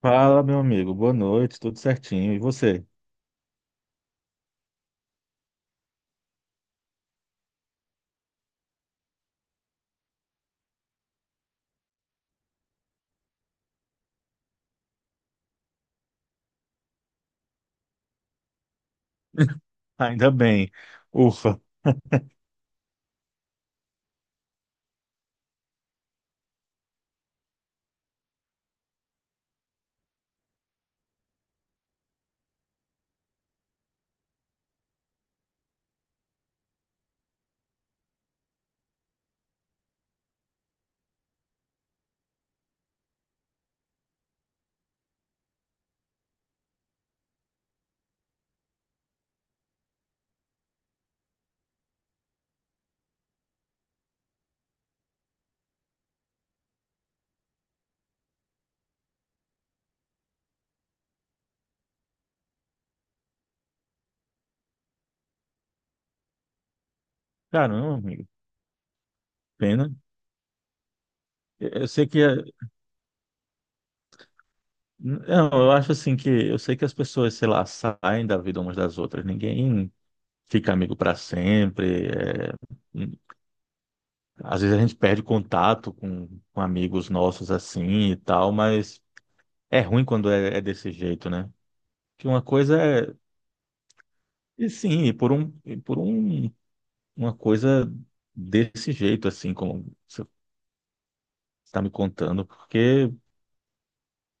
Fala, meu amigo. Boa noite, tudo certinho. E você? Ainda bem. Ufa. Caramba, amigo. Pena. Eu sei que. Não, eu acho assim que. Eu sei que as pessoas, sei lá, saem da vida umas das outras. Ninguém fica amigo para sempre. Hum, Às vezes a gente perde contato com amigos nossos assim e tal, mas é ruim quando é desse jeito, né? Que uma coisa é. E sim, uma coisa desse jeito, assim, como está me contando, porque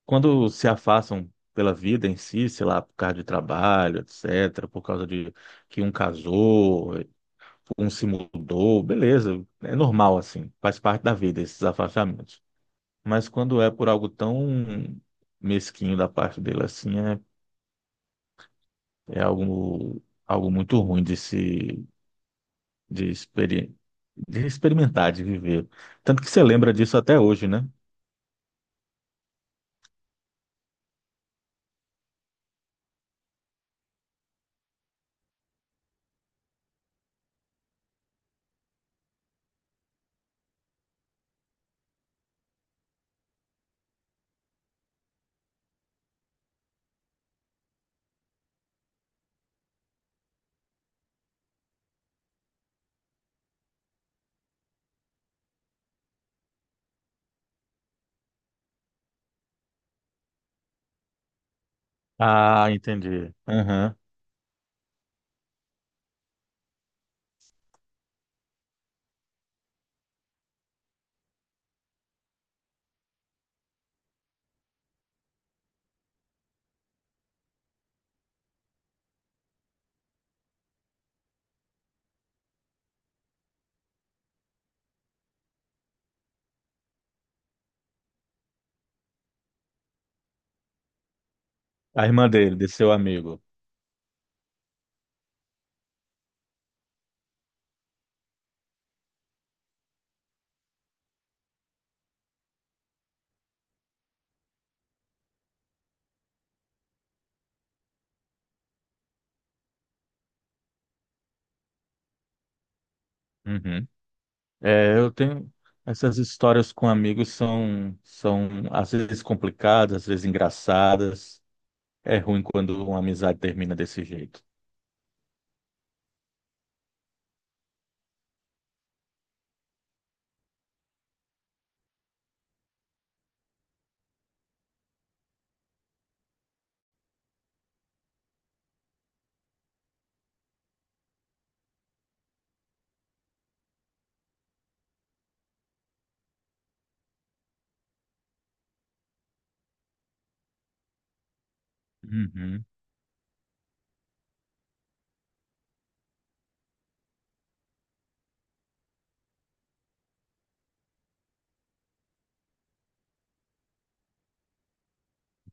quando se afastam pela vida em si, sei lá, por causa de trabalho, etc., por causa de que um casou, um se mudou, beleza, é normal assim, faz parte da vida esses afastamentos. Mas quando é por algo tão mesquinho da parte dele assim, é algo muito ruim de se de, experi de experimentar, de viver. Tanto que você lembra disso até hoje, né? Ah, entendi. Aham. A irmã dele, desse seu amigo. Uhum. É, eu tenho essas histórias com amigos, são às vezes complicadas, às vezes engraçadas. É ruim quando uma amizade termina desse jeito. Uhum.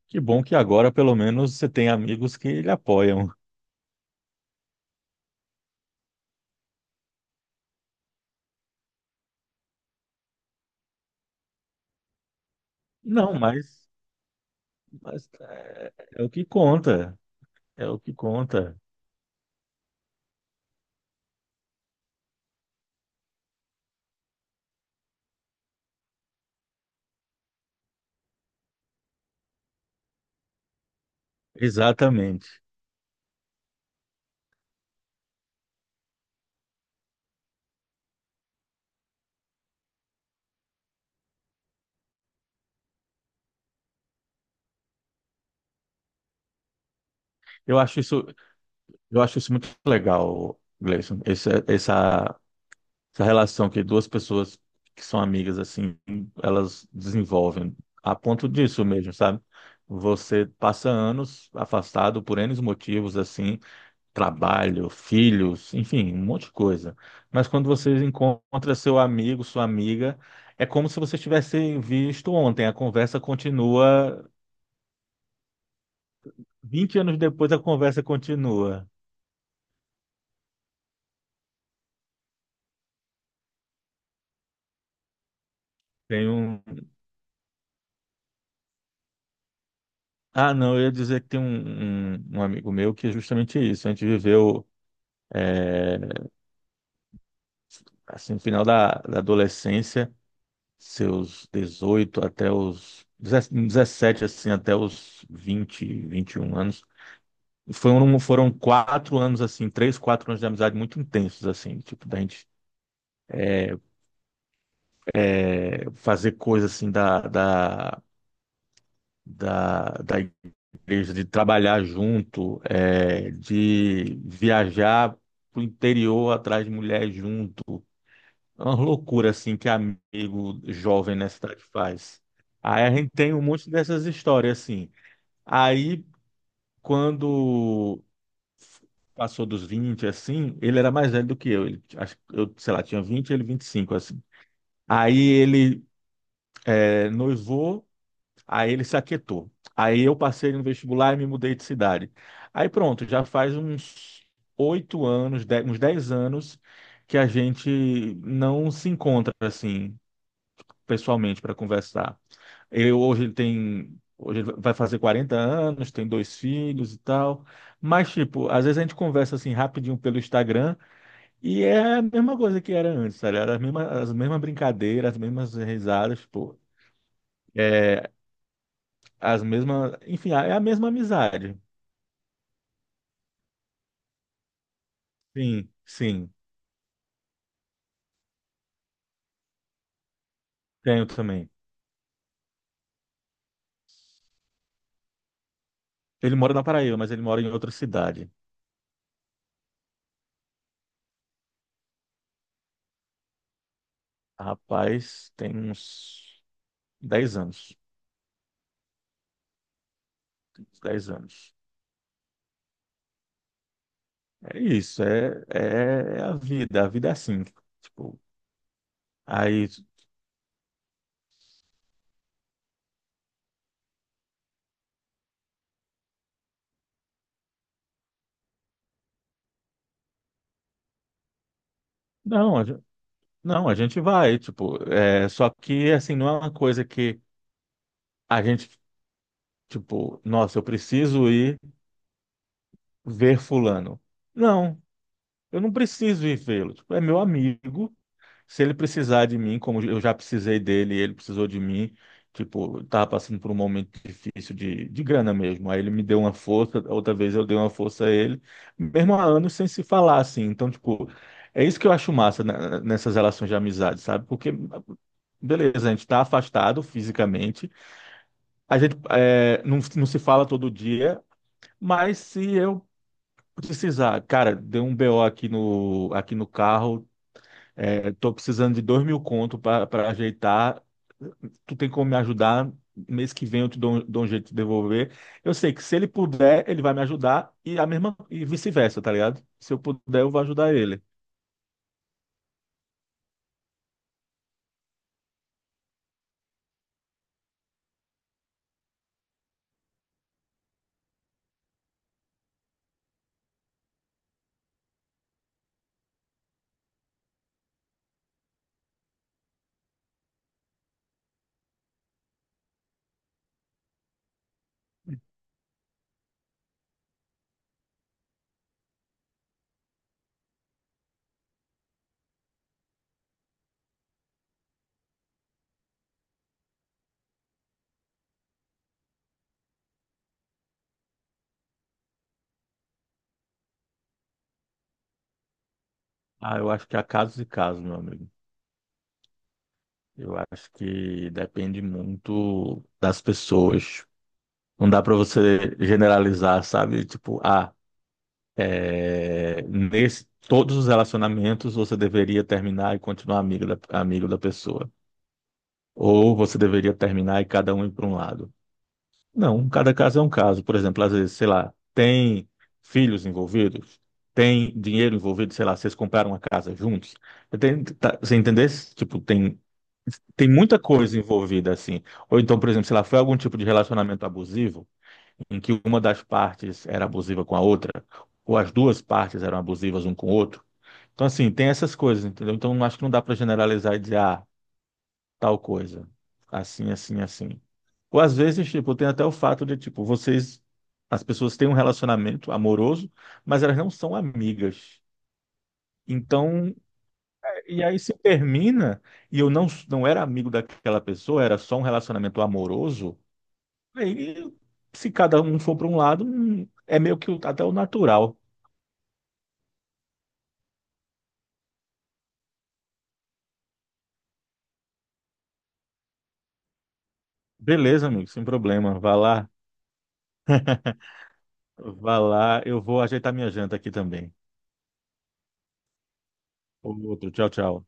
Que bom que agora pelo menos você tem amigos que lhe apoiam. Não, mas é o que conta, é o que conta. Exatamente. Eu acho isso, eu acho isso muito legal, Gleison, essa relação que duas pessoas que são amigas assim, elas desenvolvem a ponto disso mesmo, sabe? Você passa anos afastado por N motivos assim, trabalho, filhos, enfim, um monte de coisa. Mas quando você encontra seu amigo, sua amiga, é como se vocês tivessem visto ontem. A conversa continua, 20 anos depois a conversa continua. Tem um. Ah, não, eu ia dizer que tem um amigo meu que é justamente isso. A gente viveu assim, no final da adolescência, seus 18 até os 17 assim, até os vinte e um anos. Foram 4 anos, assim, 3, 4 anos de amizade muito intensos, assim, tipo, da gente fazer coisa, assim, da igreja, de trabalhar junto, de viajar pro interior atrás de mulher junto. É uma loucura assim que amigo jovem na cidade faz. Aí a gente tem um monte dessas histórias assim. Aí quando f- passou dos 20 assim, ele era mais velho do que eu. Ele, acho, que eu, sei lá, tinha 20, ele 25 assim. Aí ele noivou, aí ele se aquietou. Aí eu passei no vestibular e me mudei de cidade. Aí pronto, já faz uns 8 anos, uns 10 anos que a gente não se encontra assim pessoalmente para conversar. Eu hoje ele tem, Hoje ele vai fazer 40 anos, tem dois filhos e tal. Mas tipo, às vezes a gente conversa assim rapidinho pelo Instagram e é a mesma coisa que era antes, sabe? Era as mesmas brincadeiras, as mesmas risadas, pô. É, as mesmas, enfim, é a mesma amizade. Sim, sim, tenho também. Ele mora na Paraíba, mas ele mora em outra cidade. Rapaz, tem uns 10 anos. Uns 10 anos. É isso, é a vida é assim, tipo, aí, não, a gente, não, a gente vai, tipo, é, só que, assim, não é uma coisa que a gente, tipo, nossa, eu preciso ir ver fulano. Não, eu não preciso ir vê-lo, tipo, é meu amigo, se ele precisar de mim, como eu já precisei dele, ele precisou de mim, tipo, eu tava passando por um momento difícil de grana mesmo. Aí ele me deu uma força, outra vez eu dei uma força a ele, mesmo há anos sem se falar assim. Então, tipo, é isso que eu acho massa, né, nessas relações de amizade, sabe? Porque beleza, a gente tá afastado fisicamente, a gente é, não, não se fala todo dia, mas se eu precisar, cara, deu um BO aqui no carro, tô precisando de 2 mil conto para ajeitar. Tu tem como me ajudar? Mês que vem eu te dou um jeito de devolver. Eu sei que se ele puder, ele vai me ajudar e a mesma e vice-versa, tá ligado? Se eu puder, eu vou ajudar ele. Ah, eu acho que há casos e casos, meu amigo. Eu acho que depende muito das pessoas. Não dá para você generalizar, sabe? Tipo, ah, é, nesse, todos os relacionamentos você deveria terminar e continuar amigo da pessoa. Ou você deveria terminar e cada um ir para um lado? Não, cada caso é um caso. Por exemplo, às vezes, sei lá, tem filhos envolvidos, tem dinheiro envolvido, sei lá, vocês compraram uma casa juntos. Tem, tá, você entender? Tipo, tem muita coisa envolvida assim. Ou então, por exemplo, sei lá, foi algum tipo de relacionamento abusivo em que uma das partes era abusiva com a outra, ou as duas partes eram abusivas um com o outro. Então, assim, tem essas coisas, entendeu? Então, acho que não dá para generalizar e dizer, ah, tal coisa. Assim, assim, assim. Ou às vezes, tipo, tem até o fato de, tipo, vocês, as pessoas têm um relacionamento amoroso, mas elas não são amigas. Então, e aí se termina, e eu não, não era amigo daquela pessoa, era só um relacionamento amoroso, aí se cada um for para um lado, é meio que até o natural. Beleza, amigo, sem problema. Vá lá, eu vou ajeitar minha janta aqui também. Outro, tchau, tchau.